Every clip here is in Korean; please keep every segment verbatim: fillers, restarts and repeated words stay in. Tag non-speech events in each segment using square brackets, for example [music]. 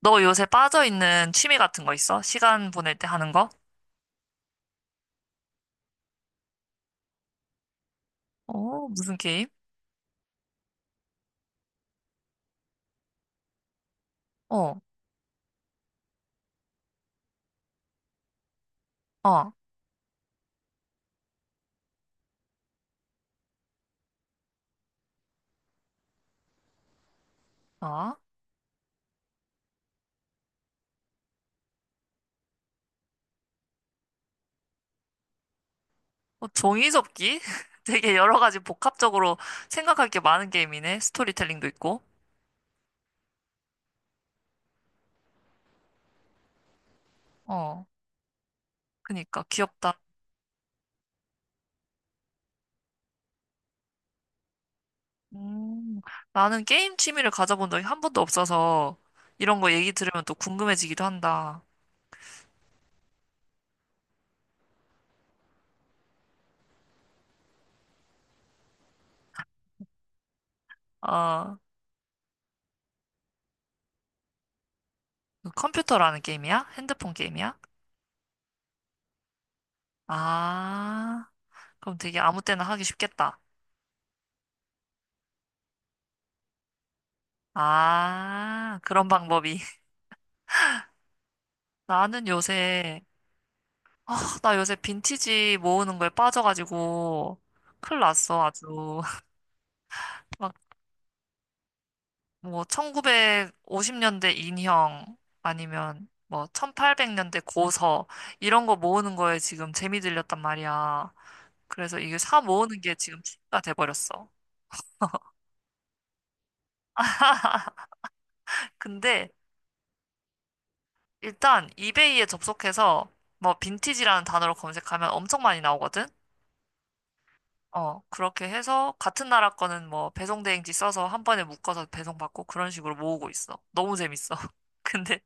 너 요새 빠져있는 취미 같은 거 있어? 시간 보낼 때 하는 거? 어, 무슨 게임? 어, 어, 아, 어, 종이접기? [laughs] 되게 여러 가지 복합적으로 생각할 게 많은 게임이네. 스토리텔링도 있고. 어, 그니까 귀엽다. 음, 나는 게임 취미를 가져본 적이 한 번도 없어서 이런 거 얘기 들으면 또 궁금해지기도 한다. 어, 그 컴퓨터라는 게임이야? 핸드폰 게임이야? 아, 그럼 되게 아무 때나 하기 쉽겠다. 아, 그런 방법이. 나는 요새, 아, 나 요새 빈티지 모으는 거에 빠져가지고, 큰일 났어, 아주. [laughs] 막, 뭐, 천구백오십 년대 인형, 아니면, 뭐, 천팔백 년대 고서, 이런 거 모으는 거에 지금 재미 들렸단 말이야. 그래서 이게 사 모으는 게 지금 취미가 돼버렸어. [laughs] 근데, 일단, 이베이에 접속해서, 뭐, 빈티지라는 단어로 검색하면 엄청 많이 나오거든? 어, 그렇게 해서 같은 나라 거는 뭐 배송 대행지 써서 한 번에 묶어서 배송받고 그런 식으로 모으고 있어. 너무 재밌어. [laughs] 근데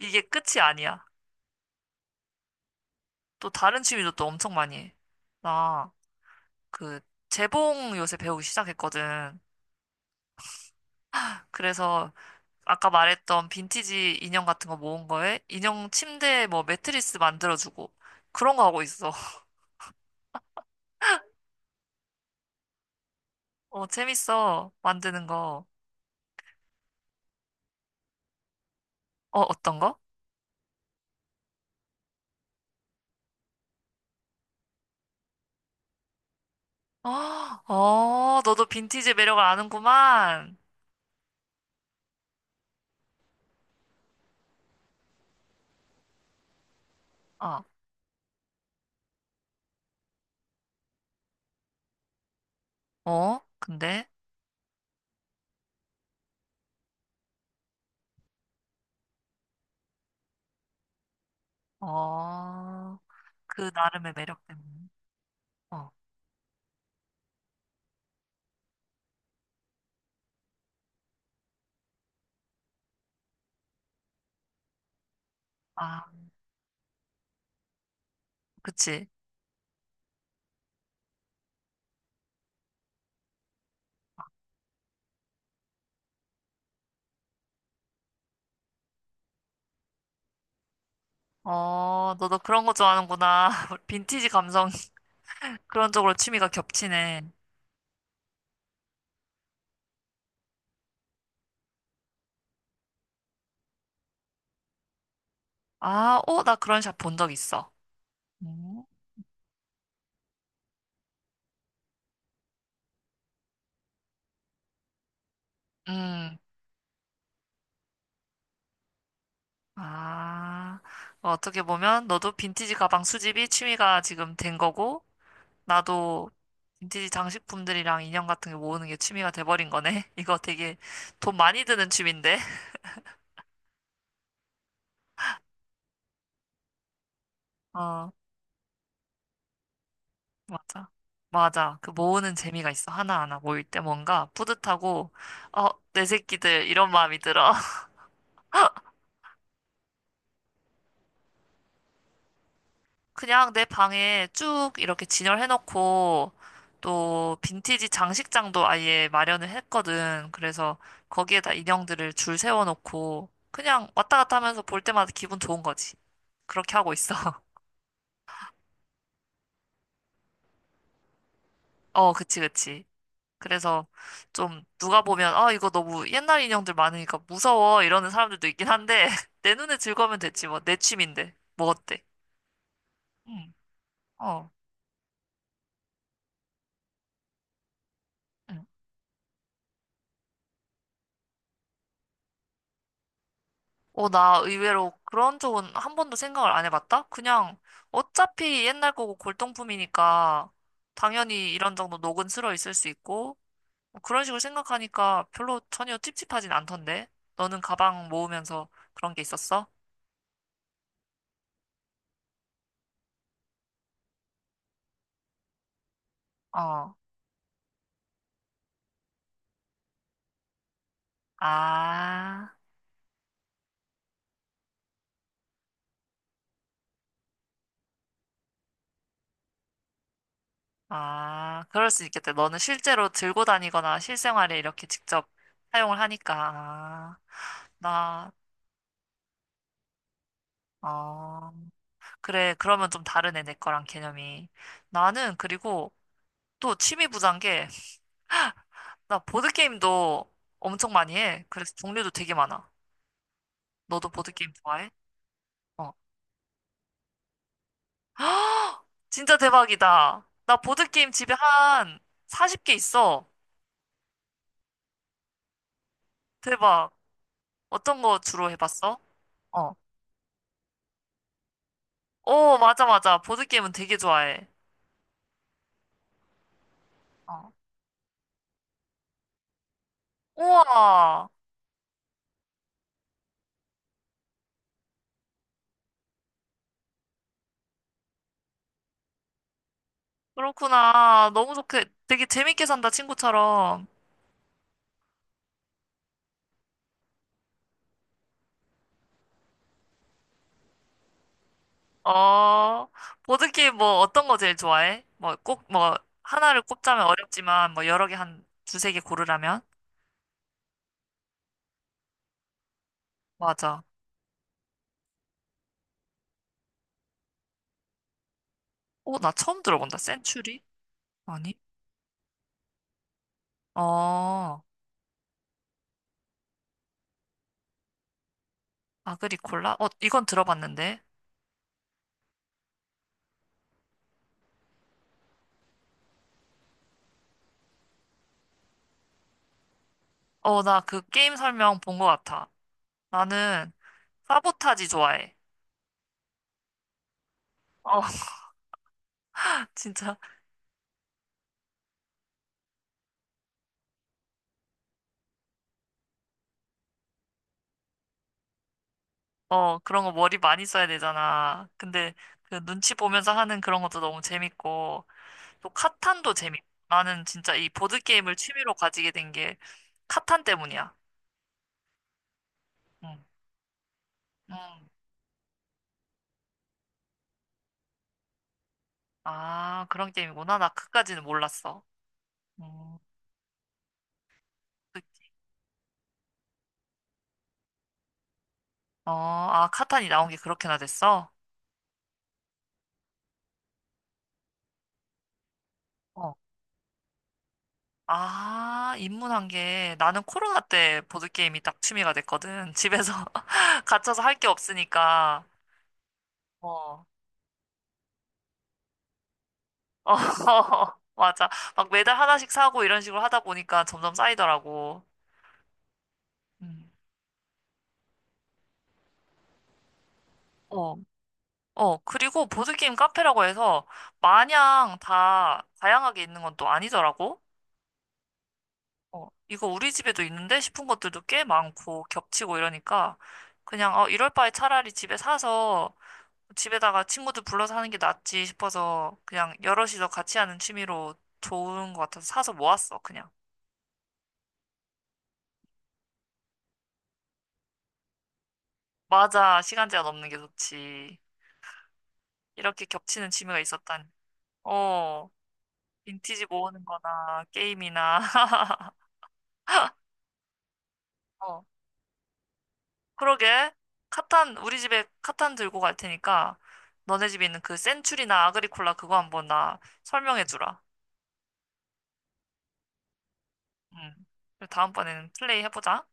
이게 끝이 아니야. 또 다른 취미도 또 엄청 많이 해. 나 그 재봉 요새 배우기 시작했거든. 그래서 아까 말했던 빈티지 인형 같은 거 모은 거에 인형 침대 뭐 매트리스 만들어주고 그런 거 하고 있어. [laughs] 어, 재밌어. 만드는 거. 어, 어떤 거? [gasps] 어, 어, 너도 빈티지 매력을 아는구만. 어. 어? 근데? 어, 그 나름의 매력 때문에. 어, 아, 그치. 어, 너도 그런 거 좋아하는구나. [laughs] 빈티지 감성. [laughs] 그런 쪽으로 취미가 겹치네. 아, 어, 나 그런 샵 본 적 있어. 음, 음, 아, 어떻게 보면 너도 빈티지 가방 수집이 취미가 지금 된 거고, 나도 빈티지 장식품들이랑 인형 같은 게 모으는 게 취미가 돼버린 거네. [laughs] 이거 되게 돈 많이 드는 취미인데. 어. 맞아. 맞아. 그 모으는 재미가 있어. 하나하나 모일 때 뭔가 뿌듯하고, 어, 내 새끼들, 이런 마음이 들어. [laughs] 그냥 내 방에 쭉 이렇게 진열해놓고, 또 빈티지 장식장도 아예 마련을 했거든. 그래서 거기에다 인형들을 줄 세워놓고, 그냥 왔다 갔다 하면서 볼 때마다 기분 좋은 거지. 그렇게 하고 있어. [laughs] 어, 그치, 그치. 그래서 좀 누가 보면 아 이거 너무 옛날 인형들 많으니까 무서워 이러는 사람들도 있긴 한데 [laughs] 내 눈에 즐거우면 됐지 뭐 내 취미인데 뭐 어때? 응. 어. 응. 어, 나 의외로 그런 쪽은 한 번도 생각을 안 해봤다? 그냥 어차피 옛날 거고 골동품이니까 당연히 이런 정도 녹은 슬어 있을 수 있고 뭐 그런 식으로 생각하니까 별로 전혀 찝찝하진 않던데 너는 가방 모으면서 그런 게 있었어? 어. 아. 아, 그럴 수 있겠다. 너는 실제로 들고 다니거나 실생활에 이렇게 직접 사용을 하니까. 아, 나, 어, 그래. 그러면 좀 다르네, 내 거랑 개념이. 나는 그리고 또 취미 부자인 게, 나 보드게임도 엄청 많이 해. 그래서 종류도 되게 많아. 너도 보드게임 좋아해? 어. 진짜 대박이다. 나 보드게임 집에 한 마흔 개 있어. 대박. 어떤 거 주로 해봤어? 어. 오, 맞아, 맞아. 보드게임은 되게 좋아해. 어. 우와, 그렇구나. 너무 좋게, 되게 재밌게 산다, 친구처럼. 어, 보드게임 뭐 어떤 거 제일 좋아해? 뭐 꼭, 뭐, 하나를 꼽자면 어렵지만, 뭐 여러 개 한 두세 개 고르라면? 맞아. 어, 나 처음 들어본다. 센츄리? 아니? 어, 아그리콜라? 어, 이건 들어봤는데. 어, 나 그 게임 설명 본 거 같아. 나는 사보타지 좋아해. 어, [laughs] 진짜. 어, 그런 거 머리 많이 써야 되잖아. 근데 그 눈치 보면서 하는 그런 것도 너무 재밌고, 또 카탄도 재밌고. 나는 진짜 이 보드게임을 취미로 가지게 된 게 카탄 때문이야. 응, 응. 아, 그런 게임이구나. 나 그까지는 몰랐어. 음, 그- 어, 아, 카탄이 나온 게 그렇게나 됐어? 어. 아, 입문한 게 나는 코로나 때 보드게임이 딱 취미가 됐거든. 집에서 [laughs] 갇혀서 할 게 없으니까. 어. 어, [laughs] 맞아. 막 매달 하나씩 사고 이런 식으로 하다 보니까 점점 쌓이더라고. 음. 어, 어. 그리고 보드게임 카페라고 해서 마냥 다 다양하게 있는 건 또 아니더라고. 어, 이거 우리 집에도 있는데 싶은 것들도 꽤 많고 겹치고 이러니까 그냥 어, 이럴 바에 차라리 집에 사서 집에다가 친구들 불러서 하는 게 낫지 싶어서 그냥 여럿이서 같이 하는 취미로 좋은 것 같아서 사서 모았어, 그냥. 맞아. 시간 제한 없는 게 좋지. 이렇게 겹치는 취미가 있었다니. 어, 빈티지 모으는 거나 게임이나. [laughs] 어, 그러게. 카탄, 우리 집에 카탄 들고 갈 테니까 너네 집에 있는 그 센츄리나 아그리콜라 그거 한번 나 설명해 주라. 응. 그리고 다음번에는 플레이 해보자.